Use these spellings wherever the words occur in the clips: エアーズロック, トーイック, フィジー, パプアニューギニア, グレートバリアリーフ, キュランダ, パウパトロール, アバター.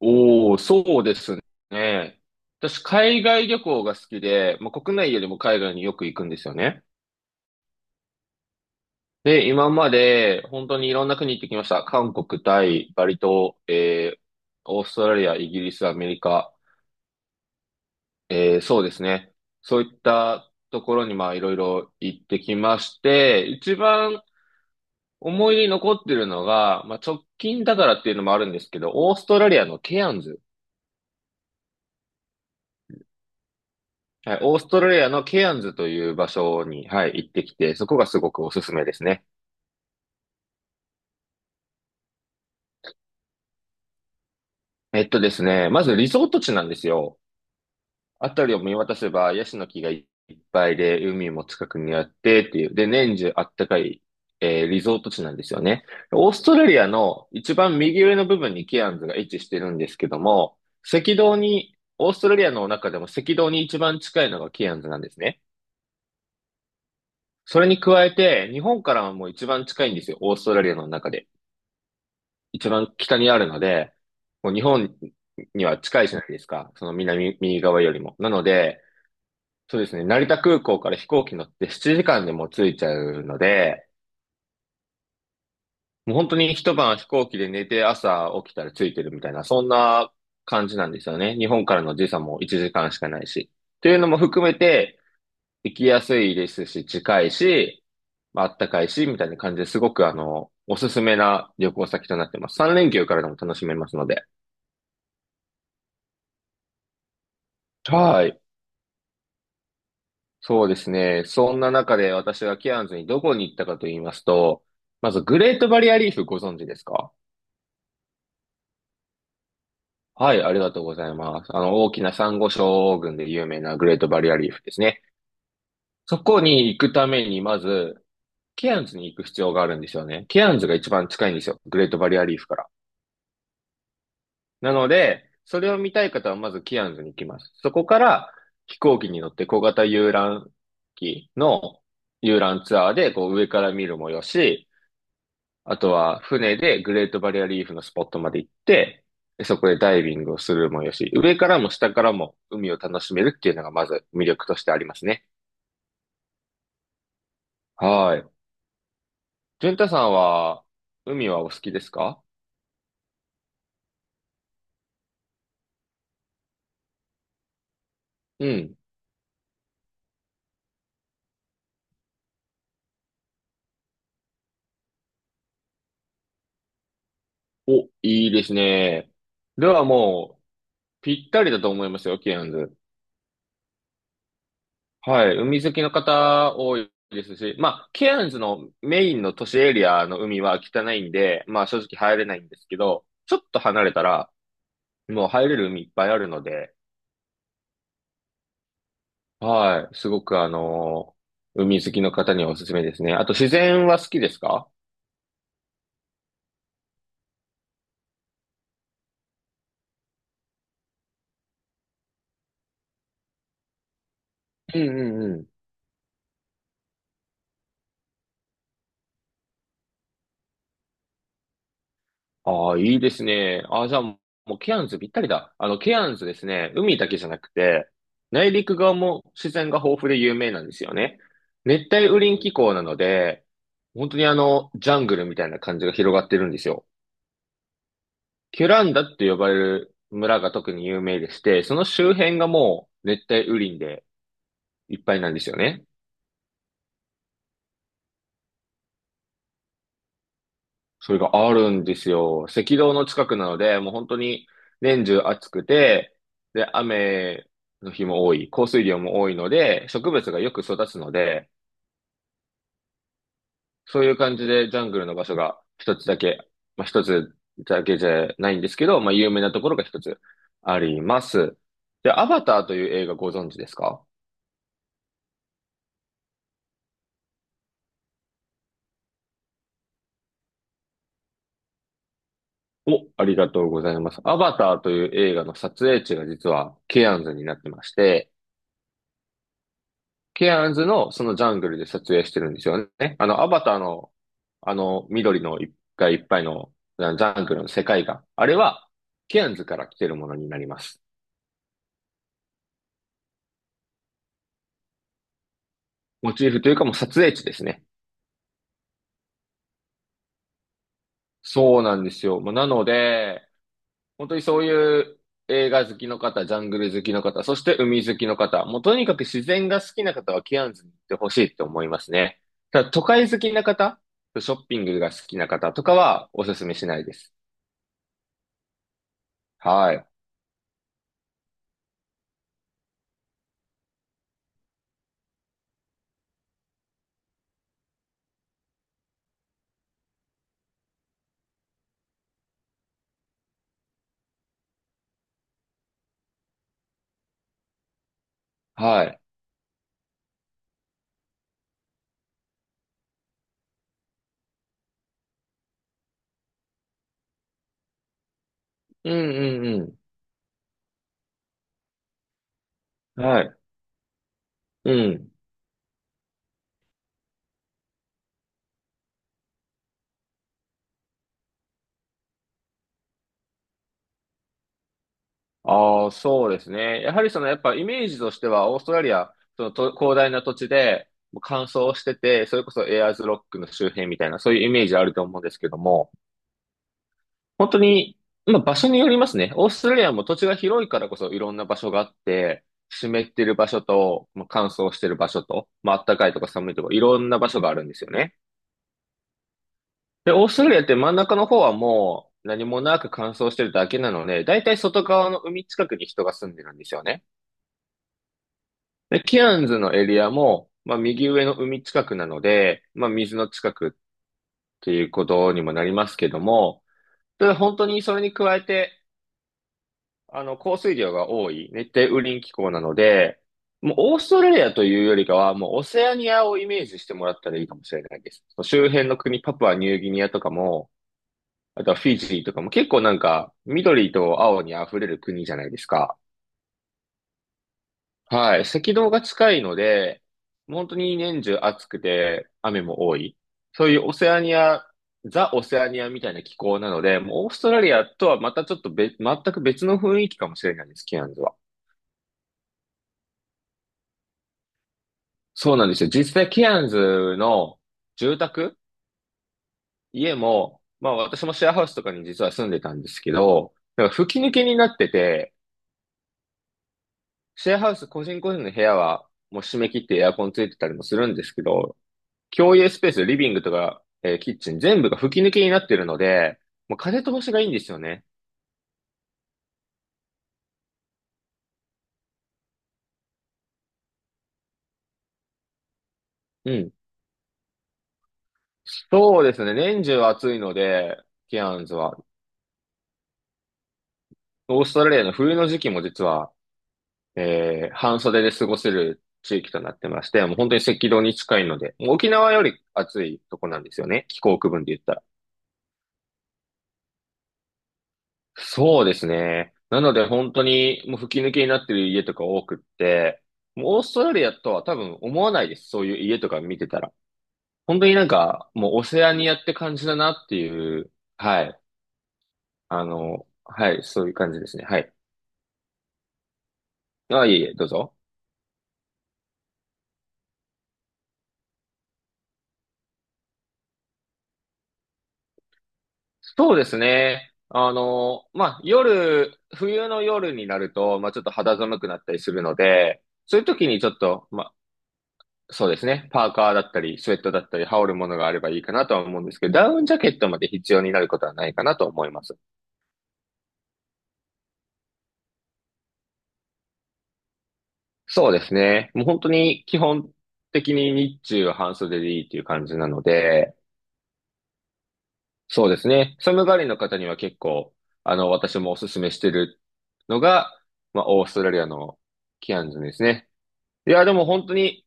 おお、そうですね。私、海外旅行が好きで、まあ、国内よりも海外によく行くんですよね。で、今まで本当にいろんな国行ってきました。韓国、タイ、バリ島、オーストラリア、イギリス、アメリカ、そうですね。そういったところにまあいろいろ行ってきまして、一番思い出に残ってるのが、まあ、直近だからっていうのもあるんですけど、オーストラリアのケアンズ。はい、オーストラリアのケアンズという場所に、はい、行ってきて、そこがすごくおすすめですね。ですね、まずリゾート地なんですよ。あたりを見渡せば、ヤシの木がいっぱいで、海も近くにあってっていう、で、年中あったかい、リゾート地なんですよね。オーストラリアの一番右上の部分にケアンズが位置してるんですけども、赤道に、オーストラリアの中でも赤道に一番近いのがケアンズなんですね。それに加えて、日本からも一番近いんですよ、オーストラリアの中で。一番北にあるので、もう日本には近いじゃないですか。その南、右側よりも。なので、そうですね、成田空港から飛行機乗って7時間でもう着いちゃうので、もう本当に一晩飛行機で寝て朝起きたら着いてるみたいな、そんな感じなんですよね。日本からの時差も1時間しかないし。というのも含めて、行きやすいですし、近いし、まああったかいし、みたいな感じですごくおすすめな旅行先となってます。三連休からでも楽しめますので。はい。そうですね。そんな中で私がケアンズにどこに行ったかと言いますと、まずグレートバリアリーフご存知ですか？はい、ありがとうございます。大きな珊瑚礁群で有名なグレートバリアリーフですね。そこに行くために、まず、ケアンズに行く必要があるんですよね。ケアンズが一番近いんですよ。グレートバリアリーフから。なので、それを見たい方はまずケアンズに行きます。そこから飛行機に乗って小型遊覧機の遊覧ツアーでこう上から見るもよし、あとは船でグレートバリアリーフのスポットまで行って、でそこでダイビングをするもよし、上からも下からも海を楽しめるっていうのがまず魅力としてありますね。はい。淳太さんは海はお好きですか？うん。お、いいですね。ではもうぴったりだと思いますよ、ケアンズ。はい。海好きの方多いですし、まあ、ケアンズのメインの都市エリアの海は汚いんで、まあ正直入れないんですけど、ちょっと離れたら、もう入れる海いっぱいあるので、はい。すごく海好きの方にはおすすめですね。あと自然は好きですか？うんうんうん。ああ、いいですね。ああ、じゃあもうケアンズぴったりだ。ケアンズですね、海だけじゃなくて、内陸側も自然が豊富で有名なんですよね。熱帯雨林気候なので、本当にジャングルみたいな感じが広がってるんですよ。キュランダって呼ばれる村が特に有名でして、その周辺がもう熱帯雨林でいっぱいなんですよね。それがあるんですよ。赤道の近くなので、もう本当に年中暑くて、で、雨の日も多い、降水量も多いので、植物がよく育つので、そういう感じでジャングルの場所が一つだけ、まあ、一つだけじゃないんですけど、まあ、有名なところが一つあります。で、アバターという映画ご存知ですか？お、ありがとうございます。アバターという映画の撮影地が実はケアンズになってまして、ケアンズのそのジャングルで撮影してるんですよね。アバターの、緑の一がいいっぱいのジャングルの世界が、あれは、ケアンズから来てるものになります。モチーフというかもう撮影地ですね。そうなんですよ。まあなので、本当にそういう映画好きの方、ジャングル好きの方、そして海好きの方、もうとにかく自然が好きな方はケアンズに行ってほしいって思いますね。ただ都会好きな方、ショッピングが好きな方とかはおすすめしないです。はい。はい。うんうんうん。はい。うん。ああ、そうですね。やはりその、やっぱイメージとしては、オーストラリア、そのと広大な土地で、もう乾燥してて、それこそエアーズロックの周辺みたいな、そういうイメージあると思うんですけども、本当に、まあ場所によりますね。オーストラリアも土地が広いからこそいろんな場所があって、湿ってる場所と、まあ、乾燥してる場所と、まあ暖かいとか寒いとか、いろんな場所があるんですよね。で、オーストラリアって真ん中の方はもう何もなく乾燥してるだけなので、だいたい外側の海近くに人が住んでるんですよね。で、ケアンズのエリアも、まあ右上の海近くなので、まあ水の近くっていうことにもなりますけども、ただ本当にそれに加えて、降水量が多い熱帯雨林気候なので、もうオーストラリアというよりかは、もうオセアニアをイメージしてもらったらいいかもしれないです。周辺の国、パプアニューギニアとかも、あとはフィジーとかも結構なんか緑と青に溢れる国じゃないですか。はい。赤道が近いので、本当に年中暑くて雨も多い。そういうオセアニア、ザ・オセアニアみたいな気候なので、もうオーストラリアとはまたちょっと別、全く別の雰囲気かもしれないです、ケアンズは。そうなんですよ。実際ケアンズの住宅、家も、まあ私もシェアハウスとかに実は住んでたんですけど、なんか吹き抜けになってて、シェアハウス、個人個人の部屋は、もう締め切ってエアコンついてたりもするんですけど、共有スペース、リビングとか、キッチン、全部が吹き抜けになってるので、もう風通しがいいんですよね。うん。そうですね。年中暑いので、ケアンズは。オーストラリアの冬の時期も実は、半袖で過ごせる地域となってまして、もう本当に赤道に近いので、もう沖縄より暑いとこなんですよね。気候区分で言ったら。そうですね。なので本当にもう吹き抜けになってる家とか多くって、もうオーストラリアとは多分思わないです。そういう家とか見てたら。本当になんかもうオセアニアって感じだなっていう、はい。はい、そういう感じですね。はい。あ、いえいえ、どうぞ。そうですね。まあ、夜、冬の夜になると、まあ、ちょっと肌寒くなったりするので、そういう時にちょっと、そうですね。パーカーだったり、スウェットだったり、羽織るものがあればいいかなとは思うんですけど、ダウンジャケットまで必要になることはないかなと思います。そうですね。もう本当に基本的に日中は半袖でいいっていう感じなので、そうですね。寒がりの方には結構、私もおすすめしてるのが、まあ、オーストラリアのキアンズですね。いや、でも本当に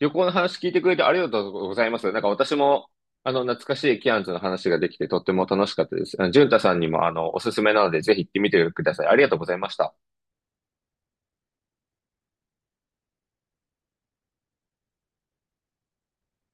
旅行の話聞いてくれてありがとうございます。なんか私も、懐かしいキアンズの話ができてとっても楽しかったです。ジュンタさんにも、おすすめなので、ぜひ行ってみてください。ありがとうございました。